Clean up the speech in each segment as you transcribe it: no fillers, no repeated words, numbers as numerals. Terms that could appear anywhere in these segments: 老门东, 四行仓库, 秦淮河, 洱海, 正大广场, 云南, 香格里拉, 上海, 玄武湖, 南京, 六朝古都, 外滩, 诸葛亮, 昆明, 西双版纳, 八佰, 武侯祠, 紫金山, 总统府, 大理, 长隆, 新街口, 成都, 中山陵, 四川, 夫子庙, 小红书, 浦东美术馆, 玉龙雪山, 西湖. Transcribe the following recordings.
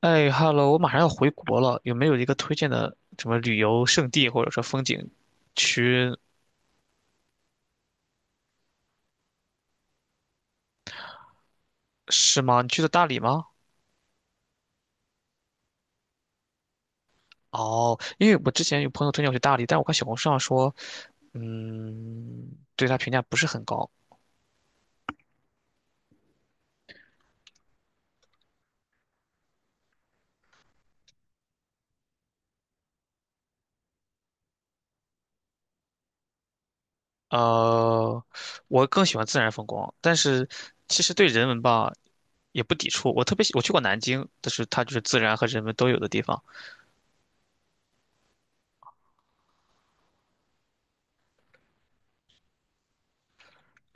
哎，Hello，我马上要回国了，有没有一个推荐的什么旅游胜地或者说风景区。是吗？你去的大理吗？哦，因为我之前有朋友推荐我去大理，但我看小红书上说，嗯，对他评价不是很高。呃，我更喜欢自然风光，但是其实对人文吧也不抵触。我特别喜，我去过南京，但是它就是自然和人文都有的地方。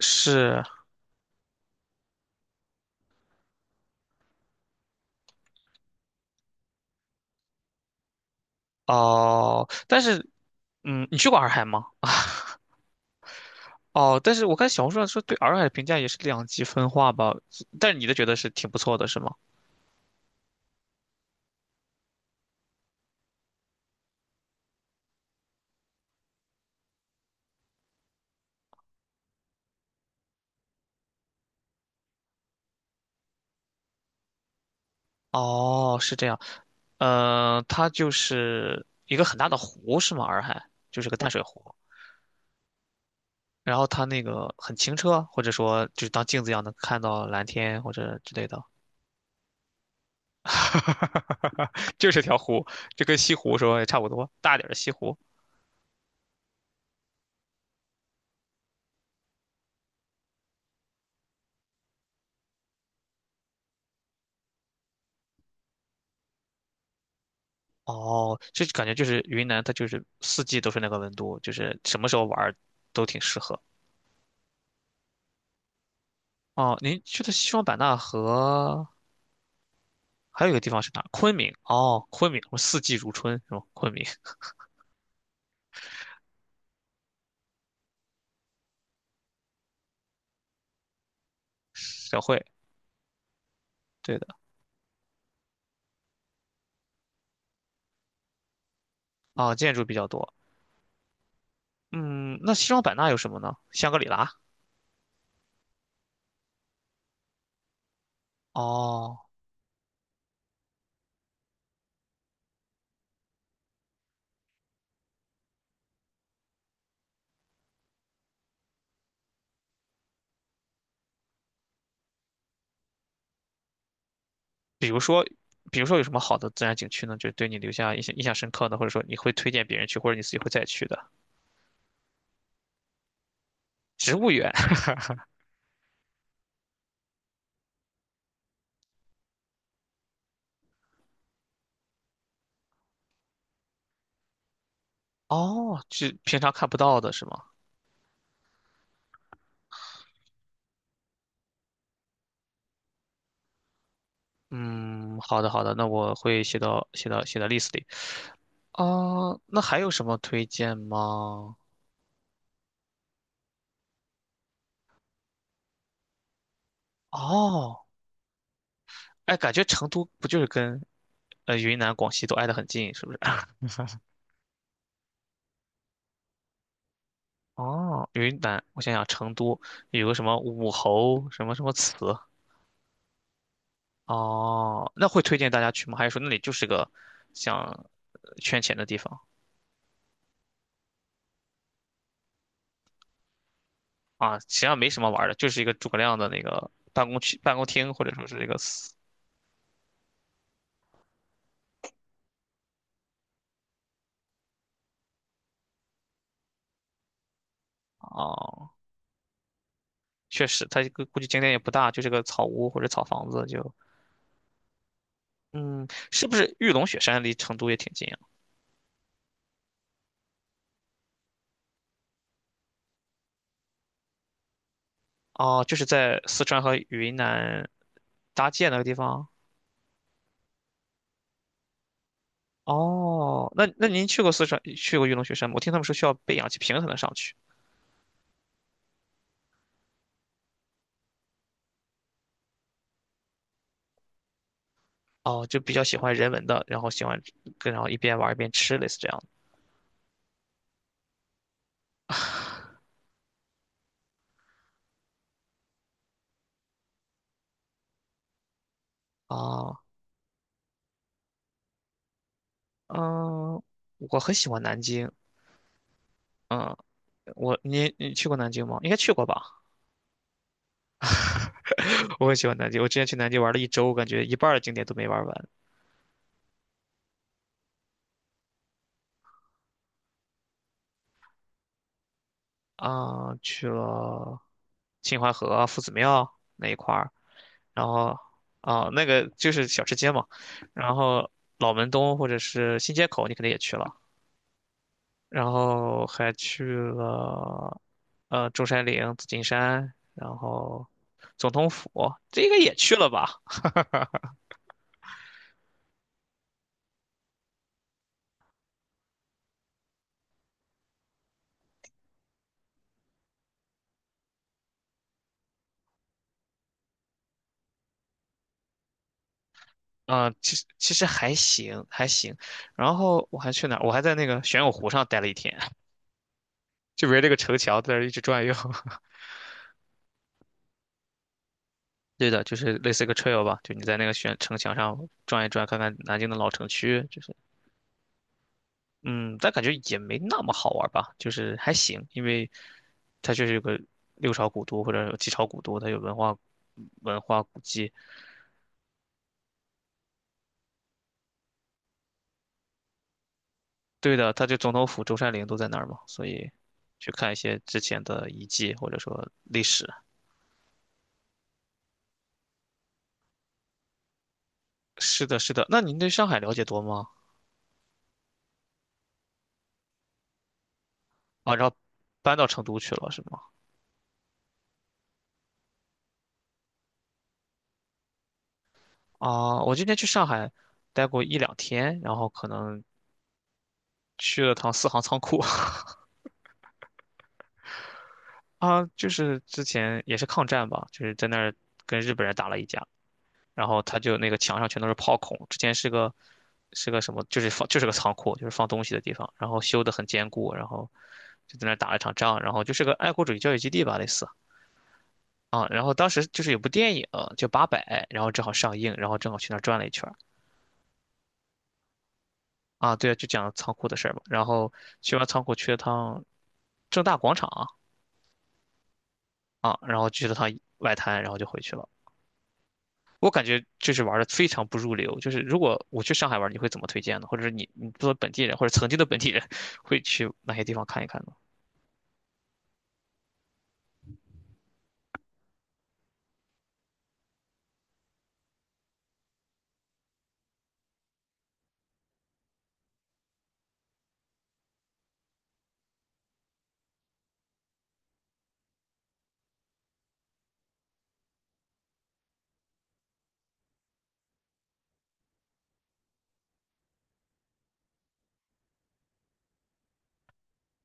是。哦，但是你去过洱海吗？哦，但是我看小红书上说对洱海的评价也是两极分化吧，但是你的觉得是挺不错的，是吗？哦，是这样，它就是一个很大的湖，是吗？洱海就是个淡水湖，然后它那个很清澈，或者说就是当镜子一样能看到蓝天或者之类的，就是条湖，就跟西湖说也差不多，大点儿的西湖。哦，这感觉就是云南，它就是四季都是那个温度，就是什么时候玩儿都挺适合。哦，您去的西双版纳和还有一个地方是哪？昆明。哦，昆明，我四季如春是吗？昆明 小慧，对的。哦，建筑比较多。嗯，那西双版纳有什么呢？香格里拉。哦，比如说，有什么好的自然景区呢？就对你留下印象深刻的，或者说你会推荐别人去，或者你自己会再去的。植物园。哦，是平常看不到的是吗？嗯，好的好的，那我会写到 list 里。哦，那还有什么推荐吗？哦，哎，感觉成都不就是跟云南、广西都挨得很近，是不是？哦，云南，我想想，成都有个什么武侯什么什么祠，哦，那会推荐大家去吗？还是说那里就是个像圈钱的地方。啊？实际上没什么玩儿的，就是一个诸葛亮的那个办公区、办公厅，或者说是这个祠。哦，确实，它这个估计景点也不大，就是个草屋或者草房子就。嗯，是不是玉龙雪山离成都也挺近？啊？哦，就是在四川和云南搭界那个地方。哦，那您去过四川，去过玉龙雪山吗？我听他们说需要背氧气瓶才能上去。哦，就比较喜欢人文的，然后喜欢跟然后一边玩一边吃，类似这样的。哦，嗯，我很喜欢南京。嗯，你去过南京吗？应该去过吧？我很喜欢南京，我之前去南京玩了一周，感觉一半儿的景点都没玩完。啊、去了秦淮河啊、夫子庙那一块儿，然后啊、那个就是小吃街嘛，然后老门东或者是新街口，你肯定也去了，然后还去了中山陵、紫金山，然后总统府，这应该也去了吧？啊、其实还行，还行。然后我还去哪儿？我还在那个玄武湖上待了一天，就围着个城墙在那儿一直转悠。对的，就是类似一个 trail 吧，就你在那个悬城墙上转一转，看看南京的老城区，就是，嗯，但感觉也没那么好玩吧，就是还行，因为它就是有个六朝古都或者有几朝古都，它有文化古迹。对的，它就总统府、中山陵都在那儿嘛，所以去看一些之前的遗迹或者说历史。是的，是的，那您对上海了解多吗？啊，然后搬到成都去了是吗？啊，我今天去上海待过一两天，然后可能去了趟四行仓库。 啊，就是之前也是抗战吧，就是在那儿跟日本人打了一架，然后他就那个墙上全都是炮孔，之前是个什么，就是放就是个仓库，就是放东西的地方，然后修得很坚固，然后就在那儿打了一场仗，然后就是个爱国主义教育基地吧，类似啊，然后当时就是有部电影叫《八佰》，然后正好上映，然后正好去那儿转了一圈儿。啊，对啊，就讲仓库的事儿嘛，然后去完仓库去了趟正大广场，啊，然后去了趟外滩，然后就回去了。我感觉就是玩的非常不入流。就是如果我去上海玩，你会怎么推荐呢？或者是你作为本地人或者曾经的本地人，会去哪些地方看一看呢？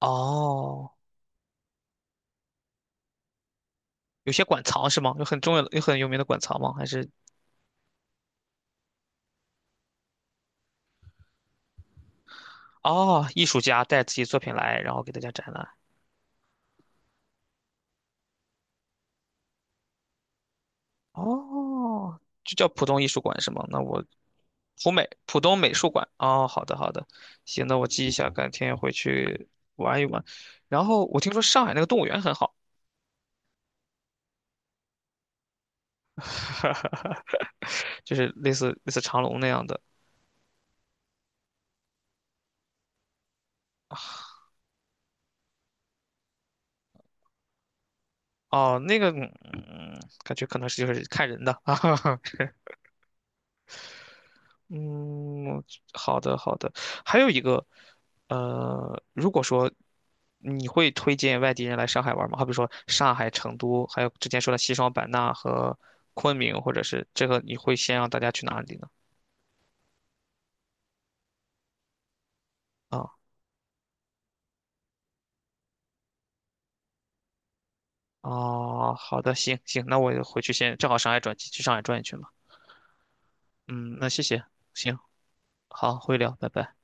哦，有些馆藏是吗？有很重要的、有很有名的馆藏吗？还是哦，艺术家带自己作品来，然后给大家展览？哦，就叫浦东艺术馆是吗？那我浦美浦东美术馆。哦，好的好的，行，那我记一下，改天回去玩一玩。然后我听说上海那个动物园很好。哈哈，就是类似长隆那样的。哦，那个，感觉可能是就是看人的啊。嗯，好的好的。还有一个，如果说你会推荐外地人来上海玩吗？好比说上海、成都，还有之前说的西双版纳和昆明，或者是这个，你会先让大家去哪里呢？啊，哦，好的，行行，那我回去先，正好上海转机，去上海转一圈嘛。嗯，那谢谢，行，好，会聊，拜拜。